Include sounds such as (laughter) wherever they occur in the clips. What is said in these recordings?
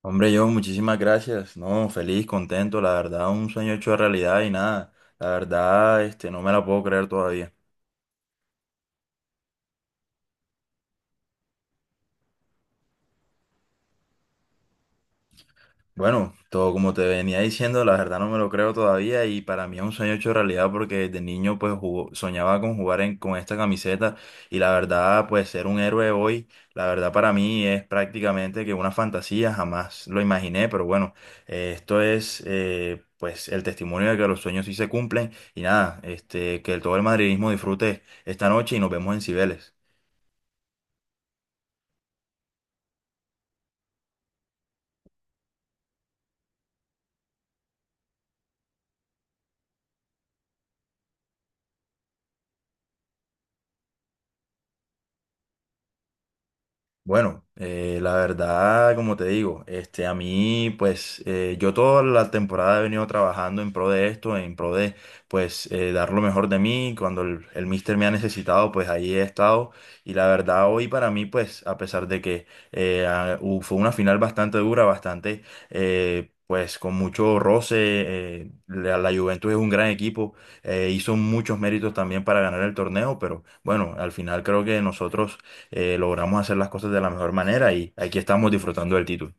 Hombre, yo muchísimas gracias. No, feliz, contento, la verdad, un sueño hecho realidad y nada. La verdad, este, no me la puedo creer todavía. Bueno, todo como te venía diciendo, la verdad no me lo creo todavía y para mí es un sueño hecho realidad porque desde niño pues soñaba con jugar en, con esta camiseta y la verdad pues ser un héroe hoy, la verdad para mí es prácticamente que una fantasía, jamás lo imaginé, pero bueno, esto es pues el testimonio de que los sueños sí se cumplen y nada, este, que todo el madridismo disfrute esta noche y nos vemos en Cibeles. Bueno, la verdad, como te digo, este, a mí, pues, yo toda la temporada he venido trabajando en pro de esto, en pro de, pues, dar lo mejor de mí. Cuando el mister me ha necesitado, pues, ahí he estado. Y la verdad, hoy para mí, pues, a pesar de que fue una final bastante dura, bastante, pues, con mucho roce, la Juventus es un gran equipo, hizo muchos méritos también para ganar el torneo, pero bueno, al final creo que nosotros logramos hacer las cosas de la mejor manera y aquí estamos disfrutando del título.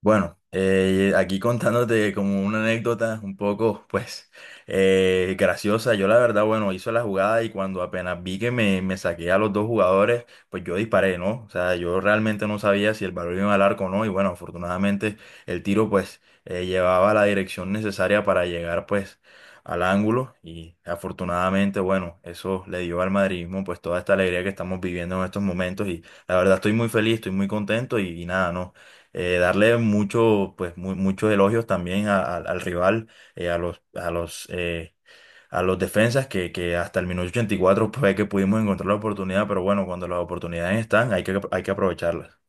Bueno, aquí contándote como una anécdota un poco, pues, graciosa. Yo la verdad, bueno, hizo la jugada y cuando apenas vi que me saqué a los dos jugadores, pues yo disparé, ¿no? O sea, yo realmente no sabía si el balón iba al arco o no. Y bueno, afortunadamente el tiro, pues, llevaba la dirección necesaria para llegar, pues, al ángulo. Y afortunadamente, bueno, eso le dio al madridismo, pues, toda esta alegría que estamos viviendo en estos momentos. Y la verdad estoy muy feliz, estoy muy contento y nada, ¿no? Darle mucho, pues, muchos elogios también al rival, eh, a los, a los, eh, a los defensas que hasta el minuto 84 fue que pudimos encontrar la oportunidad, pero bueno, cuando las oportunidades están, hay que aprovecharlas.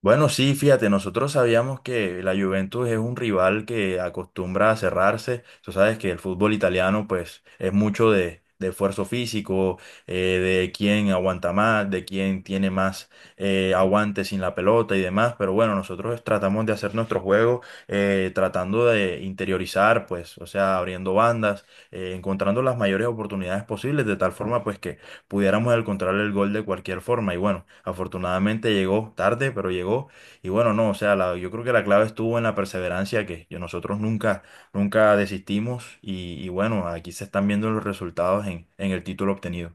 Bueno, sí, fíjate, nosotros sabíamos que la Juventus es un rival que acostumbra a cerrarse. Tú sabes que el fútbol italiano, pues, es mucho de esfuerzo físico, eh, de quién aguanta más, de quién tiene más aguante sin la pelota y demás. Pero bueno, nosotros tratamos de hacer nuestro juego tratando de interiorizar, pues, o sea, abriendo bandas, encontrando las mayores oportunidades posibles, de tal forma, pues, que pudiéramos encontrar el gol de cualquier forma. Y bueno, afortunadamente llegó tarde, pero llegó. Y bueno, no, o sea, yo creo que la clave estuvo en la perseverancia que nosotros nunca, nunca desistimos. Y bueno, aquí se están viendo los resultados en el título obtenido.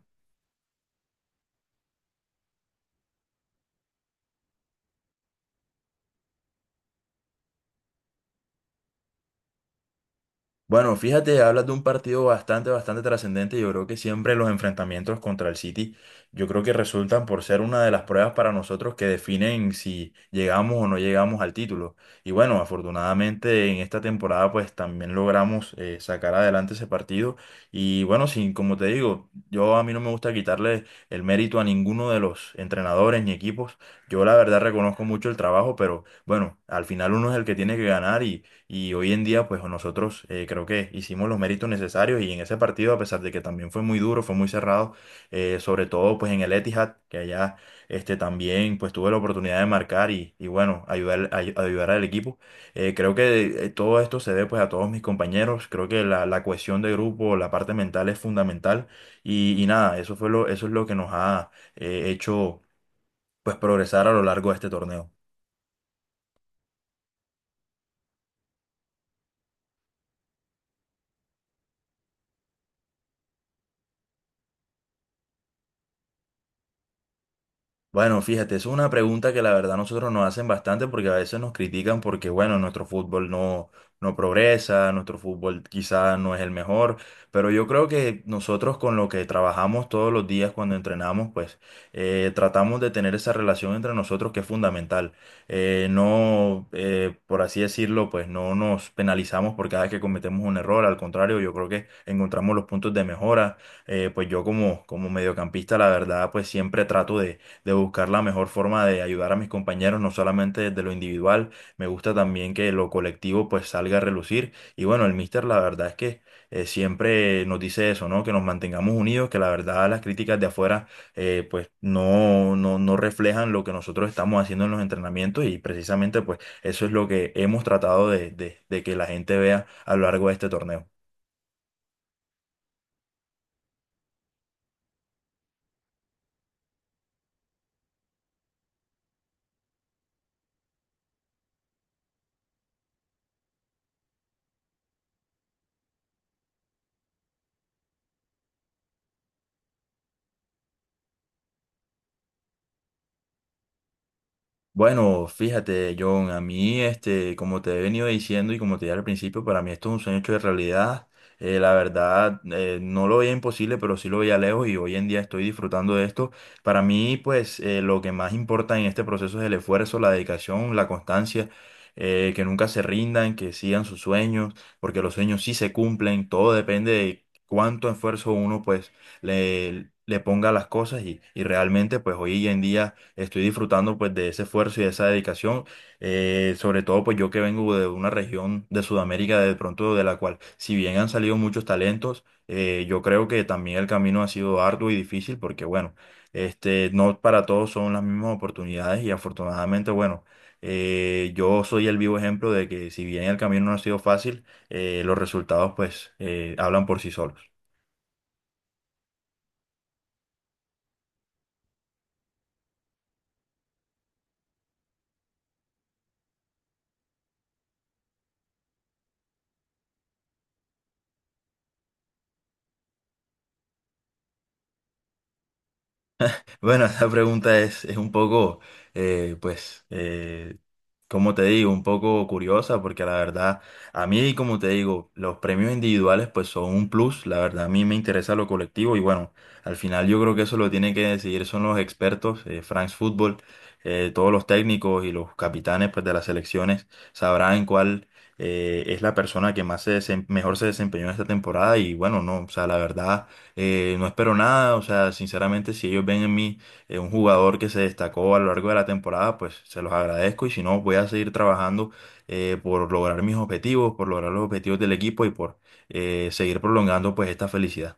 Bueno, fíjate, hablas de un partido bastante, bastante trascendente. Yo creo que siempre los enfrentamientos contra el City, yo creo que resultan por ser una de las pruebas para nosotros que definen si llegamos o no llegamos al título. Y bueno, afortunadamente en esta temporada pues también logramos sacar adelante ese partido. Y bueno, sí, como te digo, yo a mí no me gusta quitarle el mérito a ninguno de los entrenadores ni equipos. Yo la verdad reconozco mucho el trabajo, pero bueno, al final uno es el que tiene que ganar y hoy en día, pues nosotros creo que hicimos los méritos necesarios y en ese partido, a pesar de que también fue muy duro, fue muy cerrado, sobre todo pues en el Etihad, que allá este, también pues tuve la oportunidad de marcar y bueno, ayudar al equipo. Creo que todo esto se debe pues a todos mis compañeros, creo que la cohesión de grupo, la parte mental es fundamental y nada, eso es lo que nos ha hecho pues progresar a lo largo de este torneo. Bueno, fíjate, eso es una pregunta que la verdad nosotros nos hacen bastante porque a veces nos critican porque, bueno, nuestro fútbol no, no progresa, nuestro fútbol quizá no es el mejor, pero yo creo que nosotros con lo que trabajamos todos los días cuando entrenamos, pues tratamos de tener esa relación entre nosotros que es fundamental. No, por así decirlo, pues no nos penalizamos por cada vez que cometemos un error, al contrario, yo creo que encontramos los puntos de mejora. Pues yo como mediocampista, la verdad, pues siempre trato de buscar la mejor forma de ayudar a mis compañeros, no solamente desde lo individual, me gusta también que lo colectivo pues salga a relucir. Y bueno, el míster la verdad es que siempre nos dice eso, ¿no? Que nos mantengamos unidos, que la verdad las críticas de afuera pues no reflejan lo que nosotros estamos haciendo en los entrenamientos y precisamente pues eso es lo que hemos tratado de que la gente vea a lo largo de este torneo. Bueno, fíjate, John, a mí, este, como te he venido diciendo y como te dije al principio, para mí esto es un sueño hecho de realidad. La verdad, no lo veía imposible, pero sí lo veía lejos y hoy en día estoy disfrutando de esto. Para mí, pues, lo que más importa en este proceso es el esfuerzo, la dedicación, la constancia, que nunca se rindan, que sigan sus sueños, porque los sueños sí se cumplen, todo depende de cuánto esfuerzo uno, pues, le ponga las cosas y realmente pues hoy en día estoy disfrutando pues de ese esfuerzo y de esa dedicación, sobre todo pues yo que vengo de una región de Sudamérica de pronto de la cual si bien han salido muchos talentos, yo creo que también el camino ha sido arduo y difícil porque bueno, este, no para todos son las mismas oportunidades y afortunadamente bueno. Yo soy el vivo ejemplo de que si bien el camino no ha sido fácil, los resultados pues hablan por sí solos. Bueno, (laughs) es un poco, eh, pues, eh, como te digo, un poco curiosa, porque la verdad, a mí, como te digo, los premios individuales, pues, son un plus. La verdad, a mí me interesa lo colectivo y bueno, al final yo creo que eso lo tienen que decidir son los expertos, France Football, todos los técnicos y los capitanes, pues, de las selecciones sabrán cuál es la persona que más mejor se desempeñó esta temporada y bueno, no, o sea, la verdad. No espero nada, o sea, sinceramente, si ellos ven en mí un jugador que se destacó a lo largo de la temporada, pues se los agradezco y si no, voy a seguir trabajando por lograr mis objetivos, por lograr los objetivos del equipo y por seguir prolongando pues esta felicidad.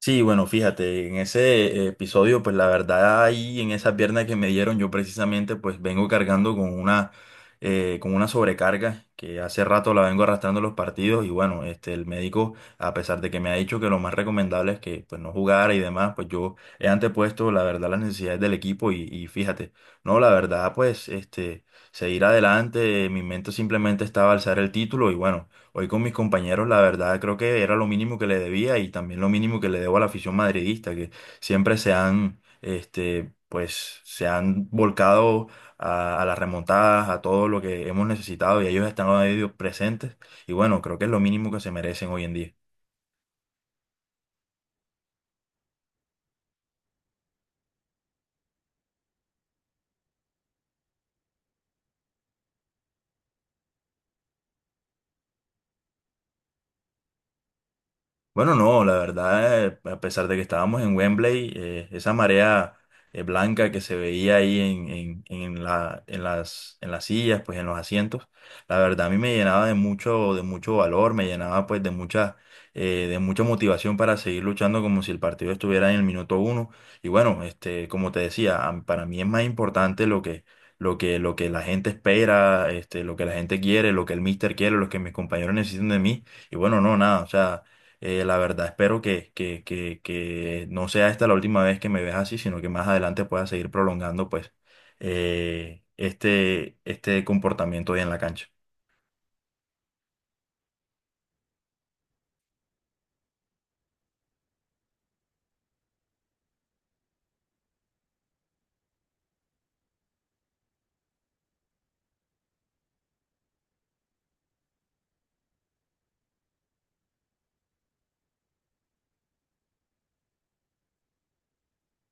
Sí, bueno, fíjate, en ese episodio, pues la verdad ahí en esa pierna que me dieron, yo precisamente pues vengo cargando con una sobrecarga que hace rato la vengo arrastrando en los partidos y bueno, este, el médico, a pesar de que me ha dicho que lo más recomendable es que pues no jugara y demás, pues yo he antepuesto la verdad las necesidades del equipo y fíjate, no, la verdad pues este, seguir adelante, mi mente simplemente estaba alzar el título y bueno. Hoy con mis compañeros, la verdad, creo que era lo mínimo que le debía y también lo mínimo que le debo a la afición madridista, que siempre se han, este, pues, se han volcado a las remontadas, a todo lo que hemos necesitado y ellos están ahí presentes. Y bueno, creo que es lo mínimo que se merecen hoy en día. Bueno, no, la verdad, a pesar de que estábamos en Wembley, esa marea blanca que se veía ahí en, en la, en las sillas, pues en los asientos, la verdad a mí me llenaba de mucho valor, me llenaba pues de mucha motivación para seguir luchando como si el partido estuviera en el minuto uno. Y bueno, este, como te decía, para mí es más importante lo que, lo que la gente espera, este, lo que la gente quiere, lo que el míster quiere, lo que mis compañeros necesitan de mí. Y bueno, no, nada, o sea. La verdad, espero que no sea esta la última vez que me ves así, sino que más adelante puedas seguir prolongando pues este comportamiento hoy en la cancha.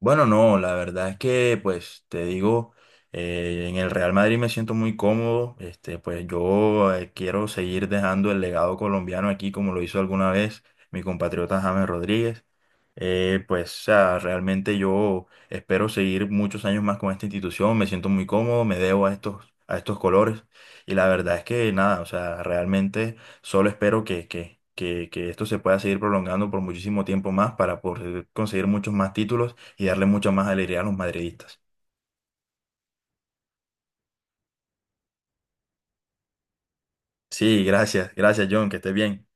Bueno, no, la verdad es que, pues, te digo, en el Real Madrid me siento muy cómodo. Este, pues yo quiero seguir dejando el legado colombiano aquí, como lo hizo alguna vez mi compatriota James Rodríguez. Pues, o sea, realmente yo espero seguir muchos años más con esta institución. Me siento muy cómodo, me debo a a estos colores. Y la verdad es que nada, o sea, realmente solo espero que esto se pueda seguir prolongando por muchísimo tiempo más para poder conseguir muchos más títulos y darle mucho más alegría a los madridistas. Sí, gracias, gracias John, que estés bien.